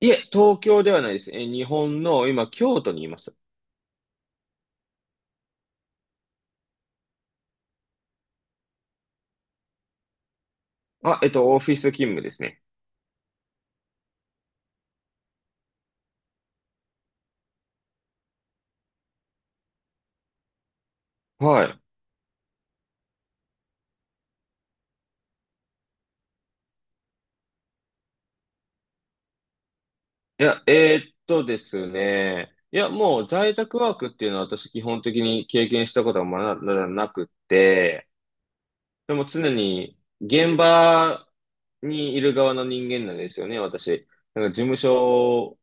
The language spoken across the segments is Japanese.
いえ、東京ではないです。日本の、今、京都にいます。オフィス勤務ですね。はい。いや、ですね。いや、もう在宅ワークっていうのは私基本的に経験したことはまだなくって、でも常に現場にいる側の人間なんですよね、私。なんか事務所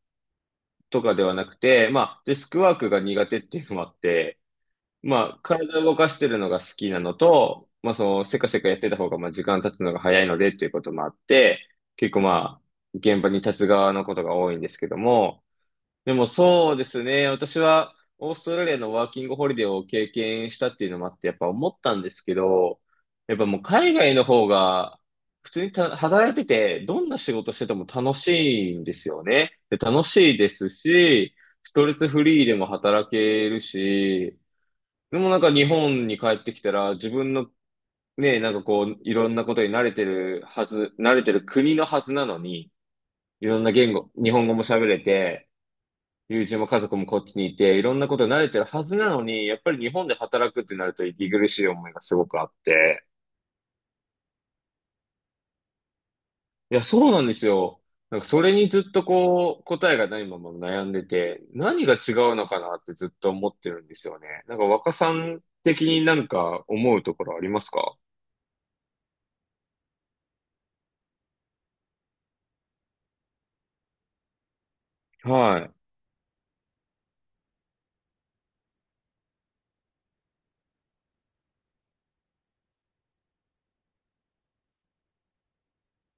とかではなくて、デスクワークが苦手っていうのもあって、体を動かしてるのが好きなのと、せかせかやってた方が、時間経つのが早いので、っていうこともあって、結構まあ、現場に立つ側のことが多いんですけども、でもそうですね、私は、オーストラリアのワーキングホリデーを経験したっていうのもあって、やっぱ思ったんですけど、やっぱもう海外の方が、普通に働いてて、どんな仕事してても楽しいんですよね。で楽しいですし、ストレスフリーでも働けるし、でもなんか日本に帰ってきたら自分のね、なんかこういろんなことに慣れてる国のはずなのに、いろんな言語、日本語も喋れて、友人も家族もこっちにいて、いろんなことに慣れてるはずなのに、やっぱり日本で働くってなると息苦しい思いがすごくあって。いや、そうなんですよ。なんかそれにずっとこう答えがないまま悩んでて、何が違うのかなってずっと思ってるんですよね。なんか若さん的になんか思うところありますか？はい。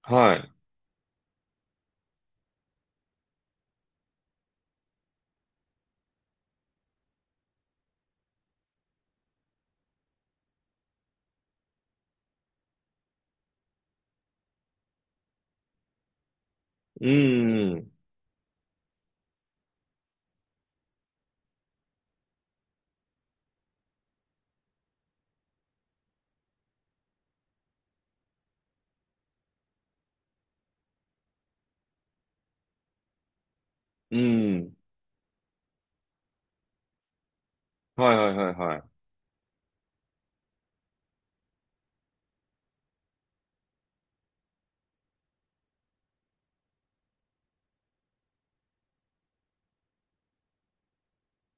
はい。うん、うん。はいはいはいはい。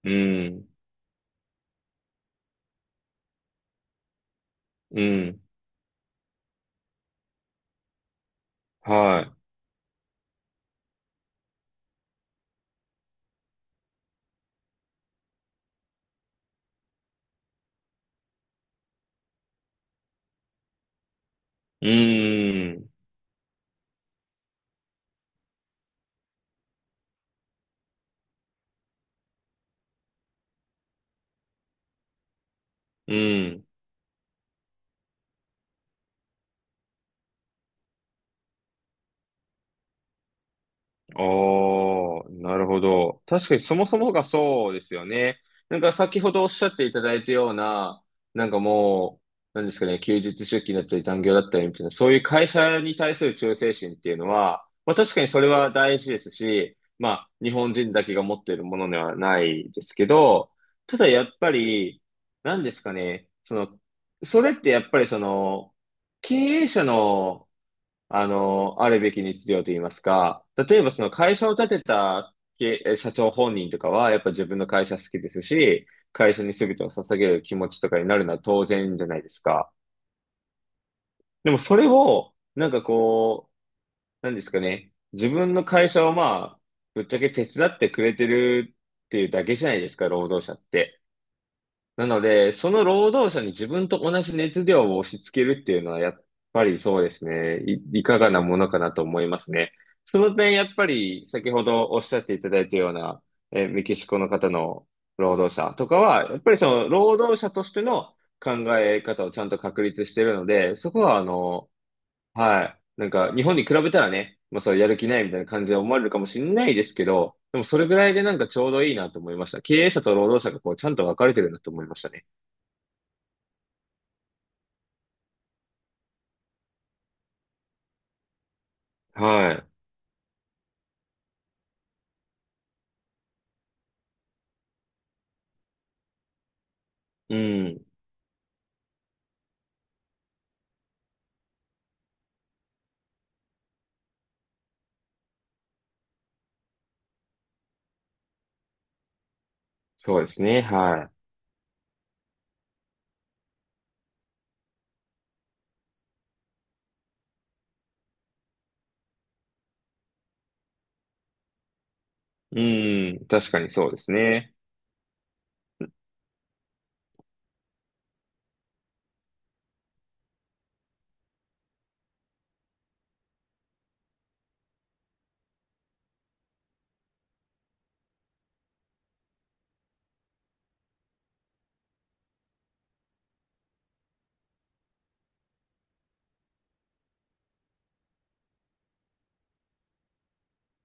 うん、うん。はい。うん、うん。ああ、なるほど。確かにそもそもがそうですよね。なんか先ほどおっしゃっていただいたような、なんかもう、なんですかね、休日出勤だったり残業だったりみたいな、そういう会社に対する忠誠心っていうのは、まあ確かにそれは大事ですし、まあ日本人だけが持っているものではないですけど、ただやっぱり、なんですかね、その、それってやっぱりその、経営者の、あるべき日常と言いますか、例えばその会社を立てた社長本人とかは、やっぱ自分の会社好きですし、会社に全てを捧げる気持ちとかになるのは当然じゃないですか。でもそれを、なんかこう、なんですかね、自分の会社をぶっちゃけ手伝ってくれてるっていうだけじゃないですか、労働者って。なので、その労働者に自分と同じ熱量を押し付けるっていうのは、やっぱりそうですね。いかがなものかなと思いますね。その点、やっぱり先ほどおっしゃっていただいたような、メキシコの方の労働者とかは、やっぱりその労働者としての考え方をちゃんと確立しているので、そこははい。なんか日本に比べたらね、まあそうやる気ないみたいな感じで思われるかもしれないですけど、でもそれぐらいでなんかちょうどいいなと思いました。経営者と労働者がこうちゃんと分かれてるなと思いましたね。はい。うん。そうですね。はい。うん。確かにそうですね。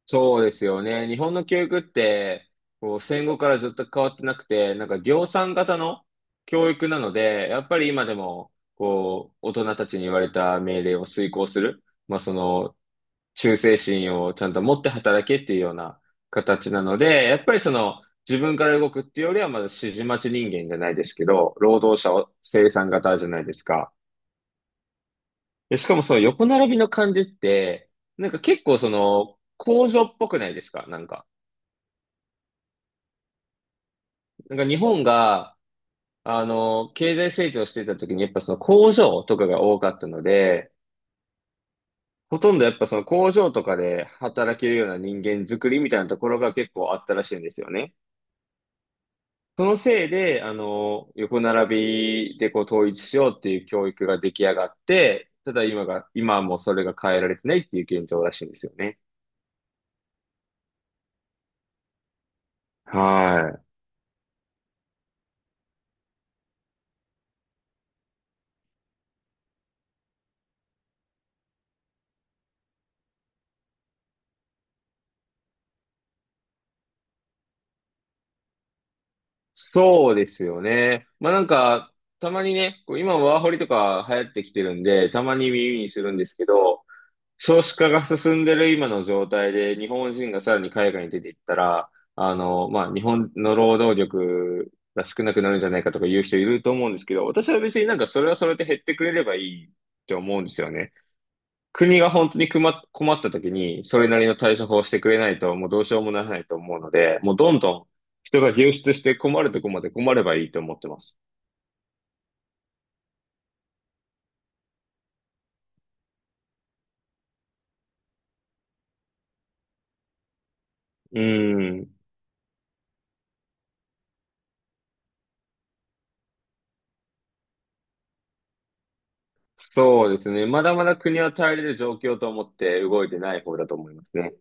そうですよね。日本の教育って、こう、戦後からずっと変わってなくて、なんか量産型の教育なので、やっぱり今でも、こう、大人たちに言われた命令を遂行する。忠誠心をちゃんと持って働けっていうような形なので、やっぱりその自分から動くっていうよりはまだ指示待ち人間じゃないですけど、労働者を生産型じゃないですか。しかもその横並びの感じって、なんか結構その工場っぽくないですかなんか。なんか日本が、経済成長してた時にやっぱその工場とかが多かったので、ほとんどやっぱその工場とかで働けるような人間作りみたいなところが結構あったらしいんですよね。そのせいで、横並びでこう統一しようっていう教育が出来上がって、ただ今が、今はもうそれが変えられてないっていう現状らしいんですよね。はい。そうですよね。たまにね、こう今ワーホリとか流行ってきてるんで、たまに耳にするんですけど、少子化が進んでる今の状態で、日本人がさらに海外に出ていったら、まあ日本の労働力が少なくなるんじゃないかとか言う人いると思うんですけど、私は別になんかそれはそれで減ってくれればいいって思うんですよね。国が本当に困った時に、それなりの対処法をしてくれないと、もうどうしようもならないと思うので、もうどんどん人が流出して困るとこまで困ればいいと思ってます。うーん。そうですね。まだまだ国は耐えれる状況と思って動いてない方だと思いますね。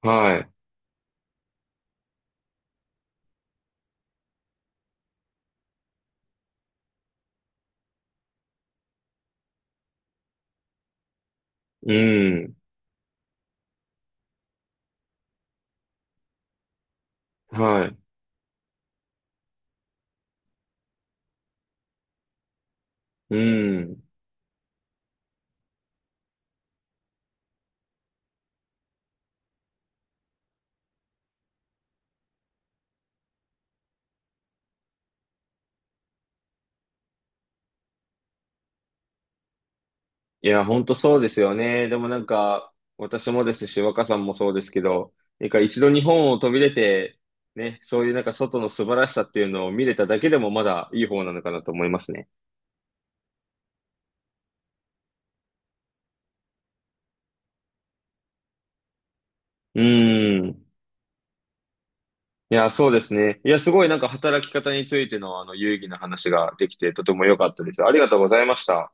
はい。うん。はい。うん。いや、本当そうですよね。でもなんか、私もですし、若さんもそうですけど、なんか一度日本を飛び出て、ね、そういうなんか外の素晴らしさっていうのを見れただけでもまだいい方なのかなと思いますね。うーん。いや、そうですね。いや、すごいなんか働き方についての有意義な話ができてとても良かったです。ありがとうございました。